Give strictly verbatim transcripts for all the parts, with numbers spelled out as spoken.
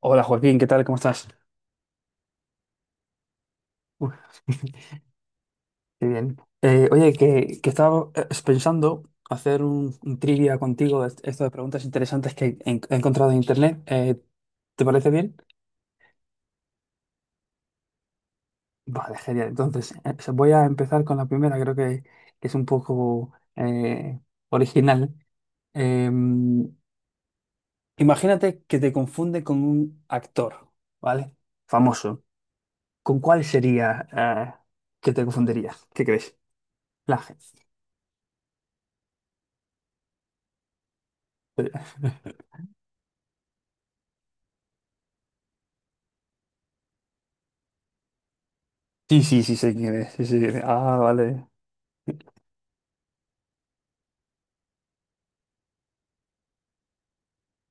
Hola, Joaquín, ¿qué tal? ¿Cómo estás? Uf. Qué bien. Eh, oye, que, que estaba eh, pensando hacer un, un trivia contigo, est- esto de preguntas interesantes que he, en- he encontrado en internet. Eh, ¿te parece bien? Vale, genial. Entonces, eh, se- voy a empezar con la primera, creo que, que es un poco eh, original. Em, imagínate que te confunde con un actor, ¿vale? Famoso. ¿Con cuál sería eh, que te confundiría? ¿Qué crees? La gente. Sí, sí, sí sé quién es. Sí, sí. Ah, vale.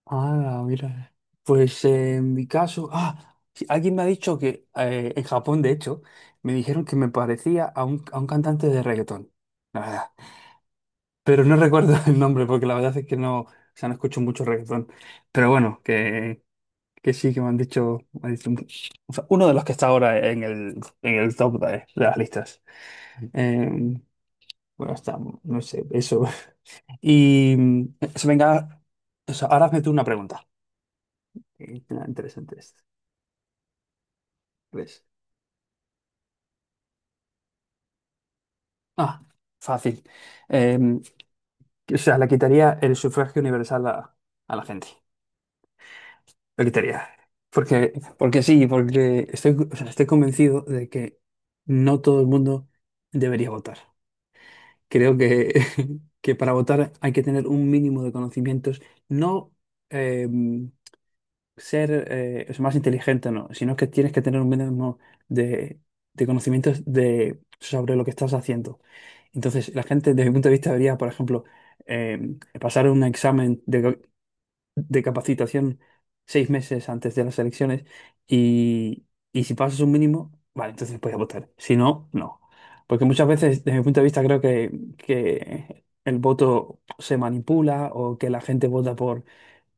Ah, mira. Pues, eh, en mi caso, ah, sí, alguien me ha dicho que eh, en Japón, de hecho, me dijeron que me parecía a un, a un cantante de reggaetón, la verdad. Pero no recuerdo el nombre porque la verdad es que no, o sea, no escucho mucho reggaetón. Pero bueno, que, que sí, que me han dicho, me han dicho un- o sea, uno de los que está ahora en el, en el top de, de las listas. Eh, bueno, está, no sé, eso. Y mm, se venga, o sea, ahora hazme tú una pregunta. Eh, Interesante. es- ¿Ves? Ah, fácil. Eh, o sea, le quitaría el sufragio universal a, a la gente. Le quitaría. Porque, porque sí, porque estoy, o sea, estoy convencido de que no todo el mundo debería votar. Creo que, que para votar hay que tener un mínimo de conocimientos, no, eh, ser eh, es más inteligente, no, sino que tienes que tener un mínimo de, de conocimientos de, sobre lo que estás haciendo. Entonces, la gente, desde mi punto de vista, debería, por ejemplo, eh, pasar un examen de, ca- de capacitación seis meses antes de las elecciones y, y si pasas un mínimo, vale, entonces puedes votar. Si no, no. Porque muchas veces, desde mi punto de vista, creo que, que el voto se manipula o que la gente vota por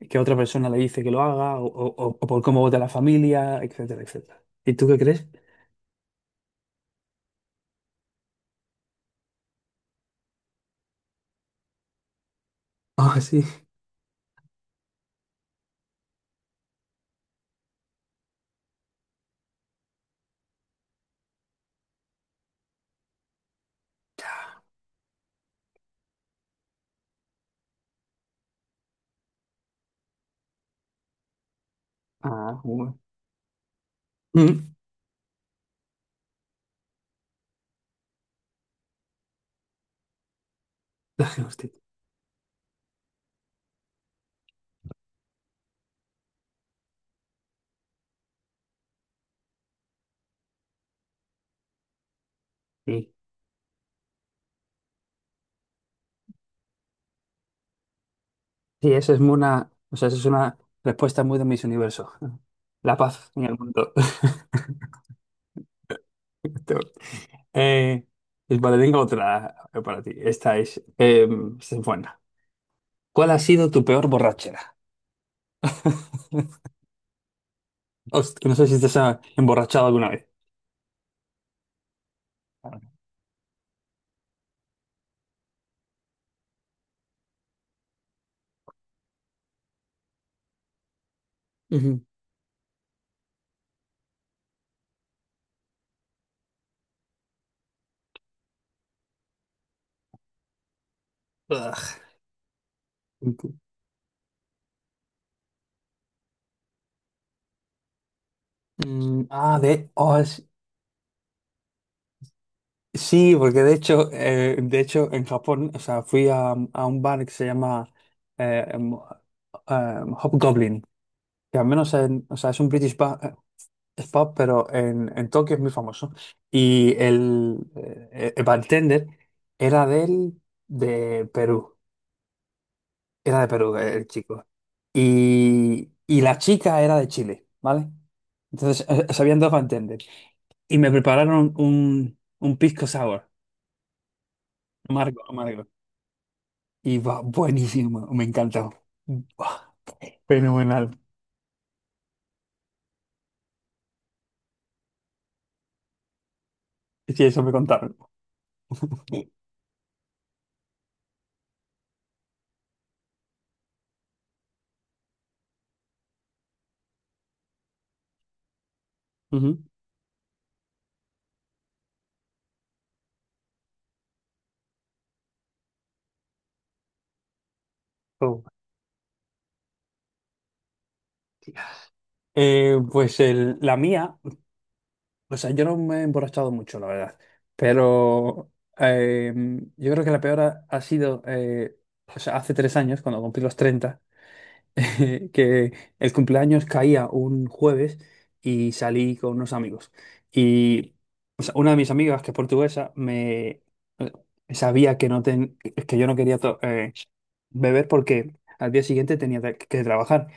que otra persona le dice que lo haga, o, o- o por cómo vota la familia, etcétera, etcétera. ¿Y tú qué crees? Ah, sí. Ah, bueno. Mm. la geostit- Sí. Sí, eso es una, o sea, eso es una respuesta muy de mis universo. La paz en el mundo. Tú. Eh, pues vale, tengo otra para ti. Esta es, eh, esta es buena. ¿Cuál ha sido tu peor borrachera? Host- no sé si te has emborrachado alguna vez. Ujú. Ugh. Mm. Ah. de... oh, es- Sí, porque de hecho, eh, de hecho en Japón, o sea, fui a, a un bar que se llama eh, em, em, Hobgoblin, que al menos en- o sea, es un British pub, eh, es pub, pero en, en Tokio es muy famoso. Y el, eh, el bartender era del, de Perú, era de Perú, eh, el chico. Y, y la chica era de Chile, ¿vale? Entonces, eh, se habían dos bartenders. Y me prepararon un, un pisco sour, amargo, amargo. Y va buenísimo, me encantó. Buah, fenomenal. Sí, eso me contaron. Ujú. Oh, tía. Eh, pues el- la mía, o sea, yo no me he emborrachado mucho, la verdad, pero, eh, yo creo que la peor ha, ha sido, eh, o sea, hace tres años, cuando cumplí los treinta, que el cumpleaños caía un jueves y salí con unos amigos. Y, o sea, una de mis amigas, que es portuguesa, me eh, sabía que, no ten- que yo no quería to- eh, beber porque al día siguiente tenía que que trabajar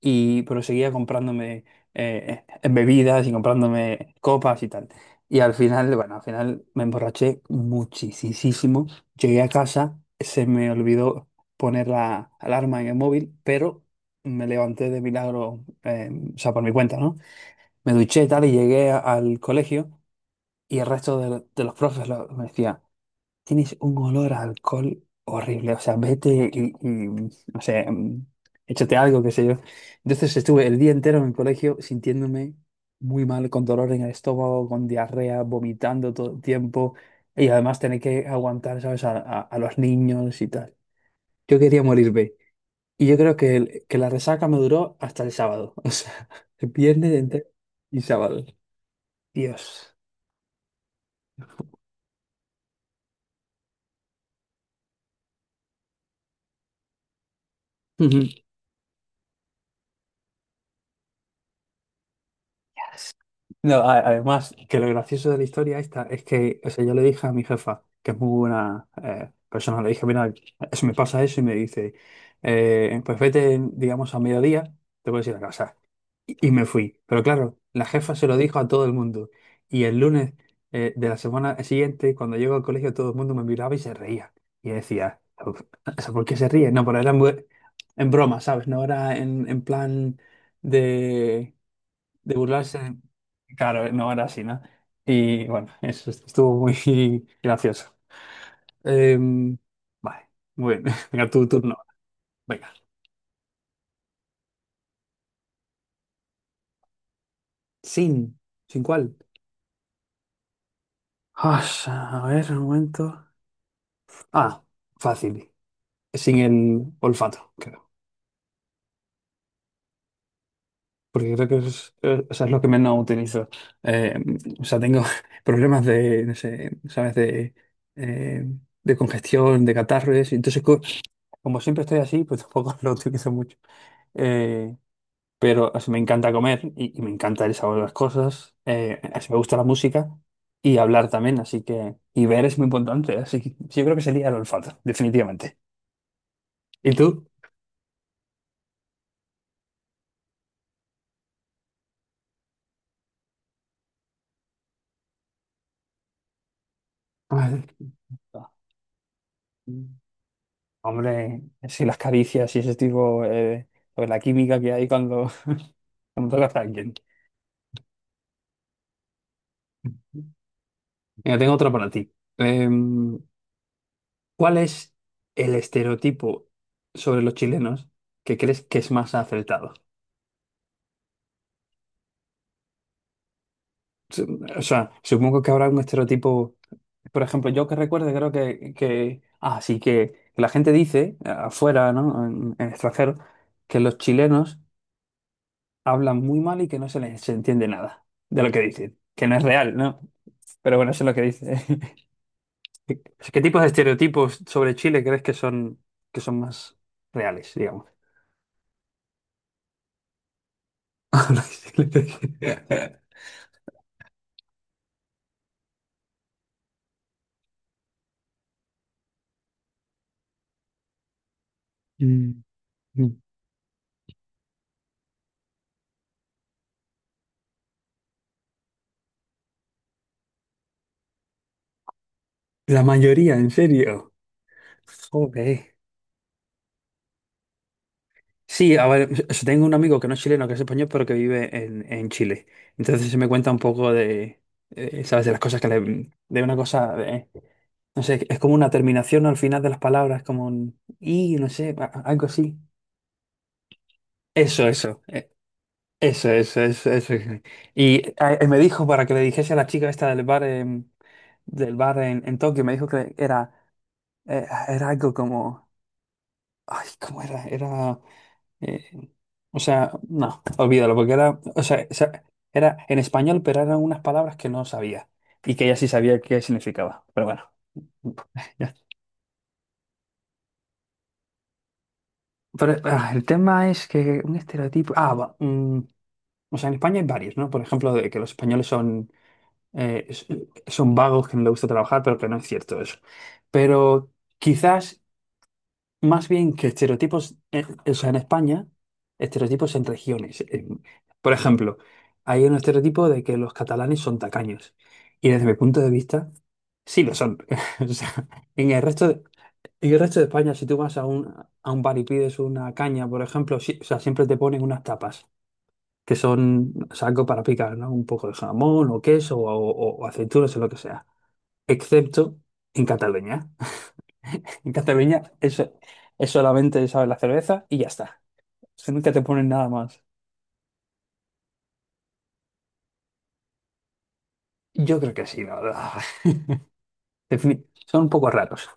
y, pero seguía comprándome, eh, bebidas y comprándome copas y tal. Y al final, bueno, al final me emborraché muchísimo. Llegué a casa, se me olvidó poner la alarma en el móvil, pero me levanté de milagro, eh, o sea, por mi cuenta, ¿no? Me duché y tal y llegué a- al colegio y el resto de, de los profes lo- me decía: tienes un olor a alcohol horrible. O sea, vete y, y, no sé, mm, échate algo, qué sé yo. Entonces estuve el día entero en el colegio sintiéndome muy mal, con dolor en el estómago, con diarrea, vomitando todo el tiempo y además tener que aguantar, ¿sabes?, a, a- a los niños y tal. Yo quería morirme. Y yo creo que, el- que la resaca me duró hasta el sábado. O sea, el viernes entero y sábado. Dios. Ujú. Yes. No, a- además, que lo gracioso de la historia esta es que, o sea, yo le dije a mi jefa, que es muy buena, eh, persona, le dije: mira, eso me pasa eso, y me dice: eh, pues vete, digamos, a mediodía, te puedes ir a casa. Y, y me fui. Pero claro, la jefa se lo dijo a todo el mundo. Y el lunes, eh, de la semana siguiente, cuando llego al colegio, todo el mundo me miraba y se reía. Y decía: "Uf, o sea, ¿por qué se ríe?". No, pero era en, bu- en broma, ¿sabes? No era en, en plan de de burlarse. Claro, no era así, ¿no? Y bueno, eso est- estuvo muy gracioso. Em, vale, muy bien. Venga, tu turno. Venga. Sin. ¿Sin cuál? Ah, a ver, un momento. Ah, fácil. Sin el olfato, creo. Porque creo que es, eh, o sea, es lo que menos utilizo. Eh, o sea, tengo problemas de, no sé, ¿sabes? De, eh, de congestión, de catarro y eso. Entonces, co- como siempre estoy así, pues tampoco lo utilizo mucho. Eh, pero así me encanta comer y, y me encanta el sabor de las cosas, eh, así me gusta la música y hablar también, así que, y ver es muy importante, así que yo creo que sería el olfato, definitivamente. ¿Y tú? Ay. Hombre, sí, las caricias y ese tipo, eh, pues la química que hay cuando, cuando tocas a alguien. Mira, tengo otra para ti. Em, ¿cuál es el estereotipo sobre los chilenos que crees que es más acertado? Su- O sea, supongo que habrá un estereotipo. Por ejemplo, yo que recuerde, creo que, que así que la gente dice, eh, afuera, ¿no? En, en extranjero, que los chilenos hablan muy mal y que no se les entiende nada de lo que dicen, que no es real, ¿no? Pero bueno, eso es lo que dice. ¿Qué qué tipos de estereotipos sobre Chile crees que son que son más reales, digamos? Mm, mm. La mayoría, en serio. Joder. Sí, a ver, yo tengo un amigo que no es chileno, que es español, pero que vive en, en Chile. Entonces se me cuenta un poco de, eh, ¿sabes? De las cosas que le... De una cosa, de- no sé, es como una terminación al final de las palabras, como un... Y, no sé, a- algo así. Eso, eso, eh, eso, eso, eso, eso. Y, eh, me dijo para que le dijese a la chica esta del bar, en- del bar en, en Tokio, me dijo que era, eh, era algo como... Ay, ¿cómo era? Era... Eh, o sea, no, olvídalo, porque era, o sea, esa- era en español, pero eran unas palabras que no sabía y que ella sí sabía qué significaba. Pero bueno, ya. Pero, ah, el tema es que un estereotipo. Ah, va, mm, o sea, en España hay varios, ¿no? Por ejemplo, de que los españoles son, eh, s- son vagos, que no les gusta trabajar, pero que no es cierto eso. Pero quizás más bien que estereotipos, eh, o sea, en España, estereotipos en regiones. En- por ejemplo, hay un estereotipo de que los catalanes son tacaños. Y desde mi punto de vista, sí lo son. O sea, en el resto de, en el resto de España, si tú vas a un, a un bar y pides una caña, por ejemplo, sí- o sea, siempre te ponen unas tapas, que son, o sea, algo para picar, ¿no? Un poco de jamón o queso o, o o aceitunas o lo que sea. Excepto en Cataluña. En Cataluña, eso es solamente, ¿sabes? La cerveza y ya está. O sea, nunca te ponen nada más. Yo creo que sí, la verdad. Defini- Son un poco raros.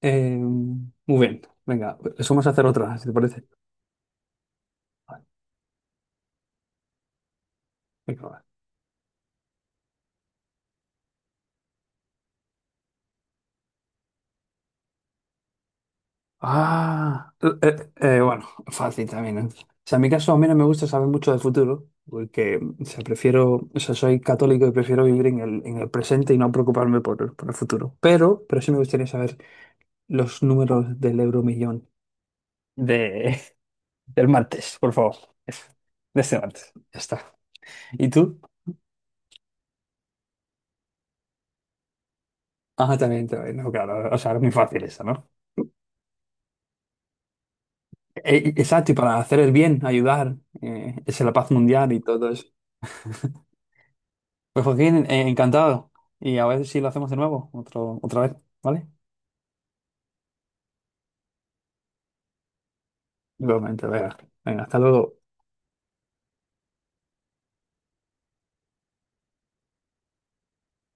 Eh, muy bien. Venga, vamos a hacer otra, si te parece. Vale, venga, va. Ah, eh, eh, eh, bueno, fácil también. ¿Eh? O sea, en mi caso, a mí no me gusta saber mucho del futuro, porque, o sea, prefiero, o sea, soy católico y prefiero vivir en el, en el presente y no preocuparme por, el por el futuro. Pero, pero sí me gustaría saber los números del euromillón de, del martes, por favor. Eso. De este martes. Ya está. ¿Y tú? Ajá, también, también, no, claro, o sea, es muy fácil esa, ¿no? E- exacto, y para hacer el bien, ayudar, eh, es la paz mundial y todo eso. Pues, Joaquín, eh, encantado. Y a ver si lo hacemos de nuevo, otro, otra vez, ¿vale? Igualmente, venga, venga, hasta luego.